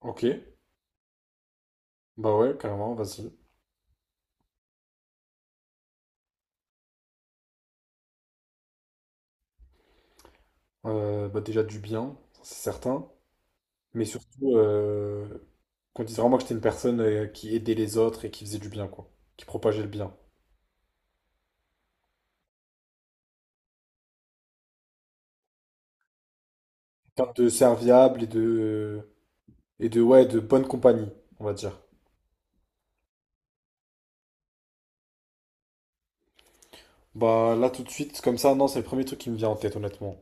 Ok, bah ouais, carrément, vas-y. Bah déjà du bien, ça, c'est certain. Mais surtout, qu'on dise vraiment que j'étais une personne qui aidait les autres et qui faisait du bien, quoi. Qui propageait le bien. Quelqu'un de serviable et de... Et de, ouais, de bonne compagnie, on va dire. Bah là, tout de suite, comme ça, non, c'est le premier truc qui me vient en tête, honnêtement.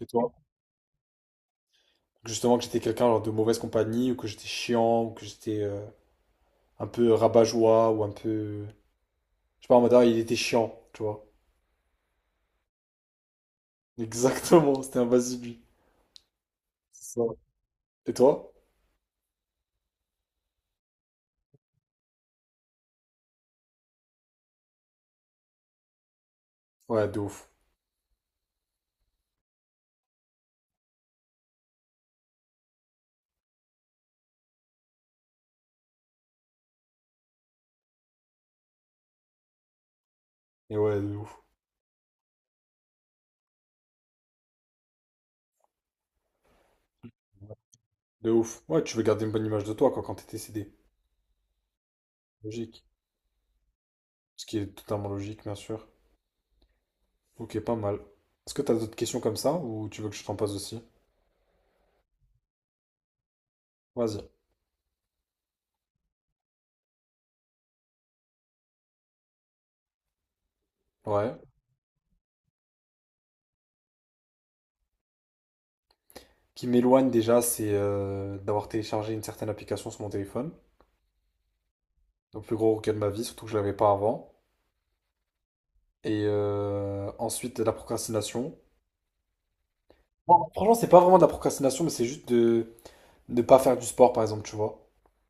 Et toi? Justement, que j'étais quelqu'un genre, de mauvaise compagnie, ou que j'étais chiant, ou que j'étais un peu rabat-joie, ou un peu... Je sais pas, en mode, ah, il était chiant, tu vois. Exactement, c'était un vas-y, lui. C'est ça. Et toi? Ouais, de ouf. Et ouais, de ouf. De ouf. Ouais, tu veux garder une bonne image de toi, quoi, quand t'es décédé. Logique. Ce qui est totalement logique, bien sûr. Ok, pas mal. Est-ce que t'as d'autres questions comme ça, ou tu veux que je t'en pose aussi? Vas-y. Ouais. Qui m'éloigne déjà, c'est d'avoir téléchargé une certaine application sur mon téléphone. Donc, le plus gros regret de ma vie, surtout que je l'avais pas avant. Et ensuite, la procrastination. Bon, franchement, c'est pas vraiment de la procrastination, mais c'est juste de ne pas faire du sport, par exemple, tu vois.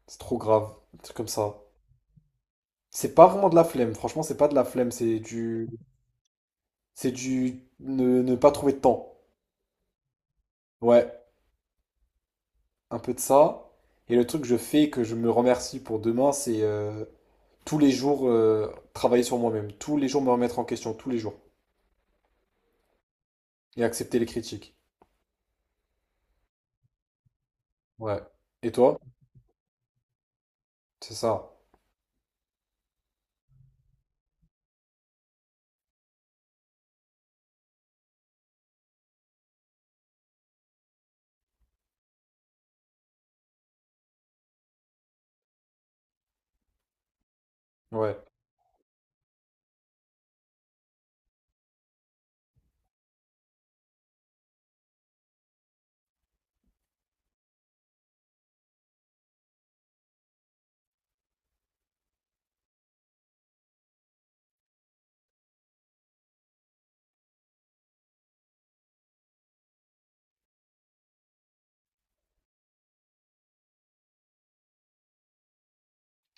C'est trop grave. Un truc comme ça. C'est pas vraiment de la flemme, franchement, c'est pas de la flemme, c'est du ne pas trouver de temps. Ouais, un peu de ça. Et le truc que je fais, que je me remercie pour demain, c'est tous les jours travailler sur moi-même, tous les jours me remettre en question, tous les jours, et accepter les critiques. Ouais. Et toi? C'est ça. Ouais.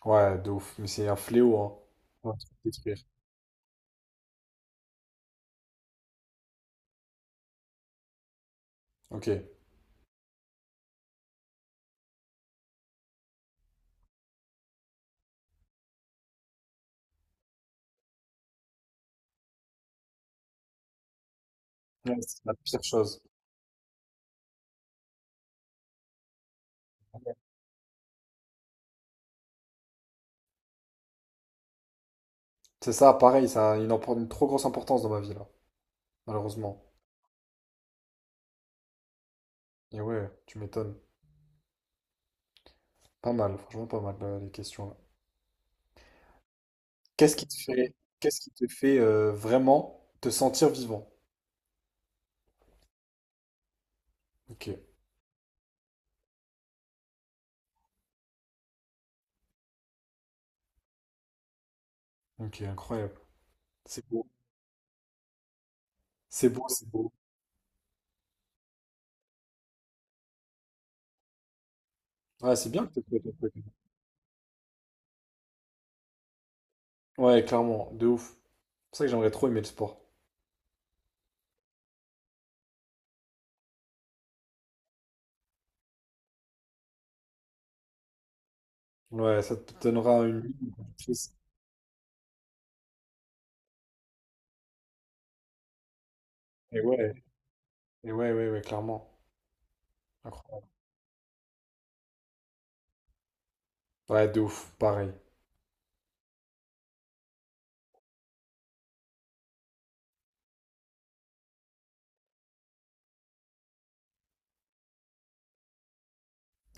Ouais, de ouf, mais c'est un fléau, hein. Ouais, tu peux te détruire. Ok. Ouais, c'est la pire chose. C'est ça, pareil, ça a une, une trop grosse importance dans ma vie, là, malheureusement. Et ouais, tu m'étonnes. Pas mal, franchement pas mal les questions là. Qu'est-ce qui te fait, qu'est-ce qui te fait vraiment te sentir vivant? Ok, ok, incroyable. C'est beau, c'est beau, c'est beau. Ouais, c'est bien que t'aies trouvé ton truc. Ouais, clairement, de ouf. C'est pour ça que j'aimerais trop aimer le sport. Ouais, ça te donnera une vie motrice. Et ouais, et ouais, ouais, ouais, clairement. Incroyable. Ouais, de ouf, pareil.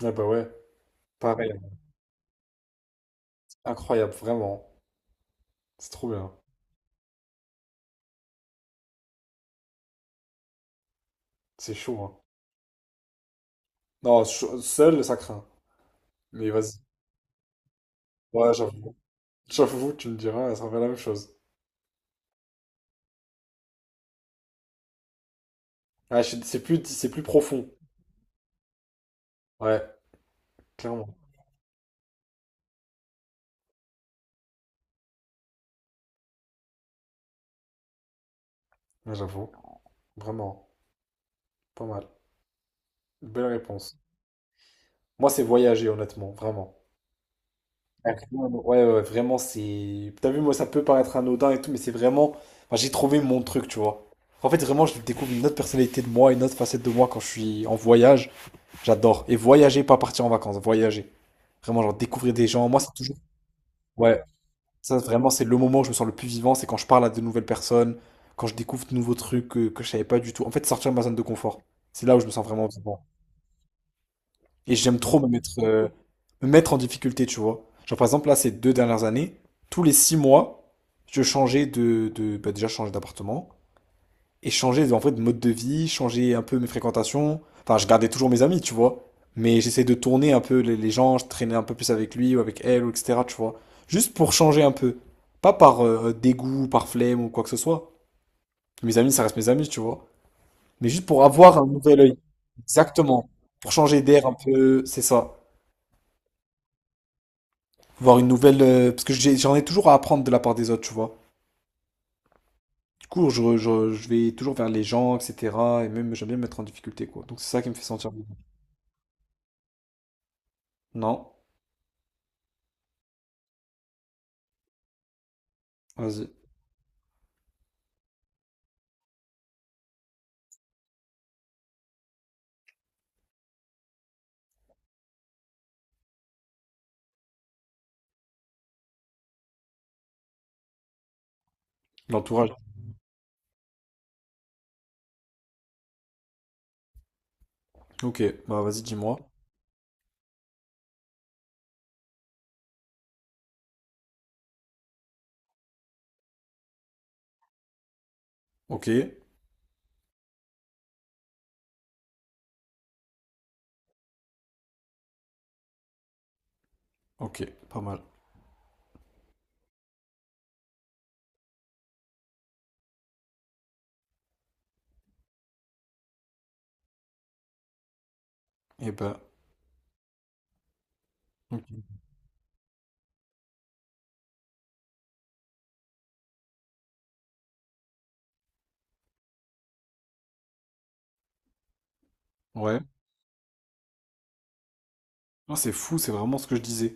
Ouais, bah ouais, pareil. Incroyable, vraiment. C'est trop bien. C'est chaud, hein. Non, ch- seul, ça craint. Mais vas-y. Ouais, j'avoue. J'avoue, tu me diras, ça fait la même chose. Ah, c'est plus profond. Ouais, clairement. Ouais, j'avoue. Vraiment. Pas mal. Belle réponse. Moi, c'est voyager, honnêtement. Vraiment. Ok. Ouais, ouais, vraiment, c'est. T'as vu, moi, ça peut paraître anodin et tout, mais c'est vraiment. Enfin, j'ai trouvé mon truc, tu vois. En fait, vraiment, je découvre une autre personnalité de moi, une autre facette de moi quand je suis en voyage. J'adore. Et voyager, pas partir en vacances, voyager. Vraiment, genre, découvrir des gens. Moi, c'est toujours. Ouais. Ça, vraiment, c'est le moment où je me sens le plus vivant, c'est quand je parle à de nouvelles personnes, quand je découvre de nouveaux trucs que je savais pas du tout. En fait, sortir de ma zone de confort, c'est là où je me sens vraiment vivant. Et j'aime trop me mettre en difficulté, tu vois. Genre, par exemple, là, ces 2 dernières années, tous les 6 mois, je changeais de bah, déjà, je changeais d'appartement et changer en fait de mode de vie, changer un peu mes fréquentations. Enfin, je gardais toujours mes amis, tu vois. Mais j'essaie de tourner un peu les gens, je traînais un peu plus avec lui ou avec elle, ou etc., tu vois. Juste pour changer un peu. Pas par dégoût, par flemme ou quoi que ce soit. Mes amis, ça reste mes amis, tu vois. Mais juste pour avoir un nouvel œil. Exactement. Pour changer d'air un peu, c'est ça. Voir une nouvelle... parce que j'en ai toujours à apprendre de la part des autres, tu vois. Du coup, je vais toujours vers les gens, etc. Et même, j'aime bien me mettre en difficulté, quoi. Donc c'est ça qui me fait sentir bien. Non. Vas-y. L'entourage. Ok, bah vas-y, dis-moi. Ok, ok, pas mal. Et ben, ok. Ouais. Non, c'est fou, c'est vraiment ce que je disais.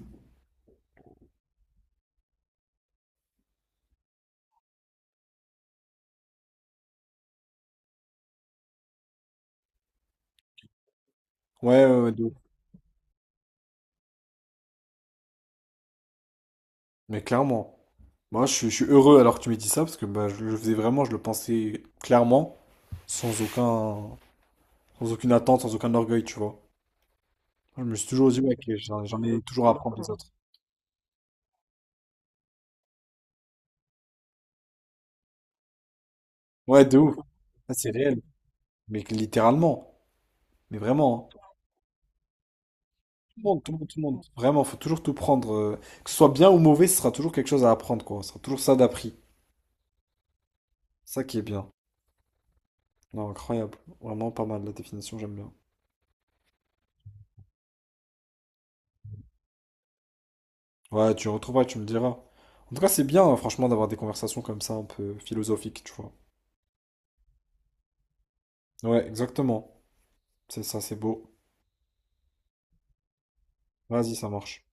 Ouais, ouais, ouais, de ouf. Mais clairement, moi je suis heureux alors que tu m'aies dit ça parce que bah, je le faisais vraiment, je le pensais clairement, sans aucun, sans aucune attente, sans aucun orgueil, tu vois. Je me suis toujours dit, ouais, que j'en ai toujours à apprendre des autres. Ouais, de ouf. Ah, c'est réel. Mais que littéralement, mais vraiment, hein. Le monde, tout le monde, tout le monde. Vraiment, faut toujours tout prendre. Que ce soit bien ou mauvais, ce sera toujours quelque chose à apprendre, quoi. Ce sera toujours ça d'appris. Ça qui est bien. Non, incroyable. Vraiment pas mal la définition, j'aime bien. Ouais, tu retrouveras, tu me diras. En tout cas, c'est bien, hein, franchement, d'avoir des conversations comme ça, un peu philosophiques, tu vois. Ouais, exactement. C'est ça, c'est beau. Vas-y, ça marche.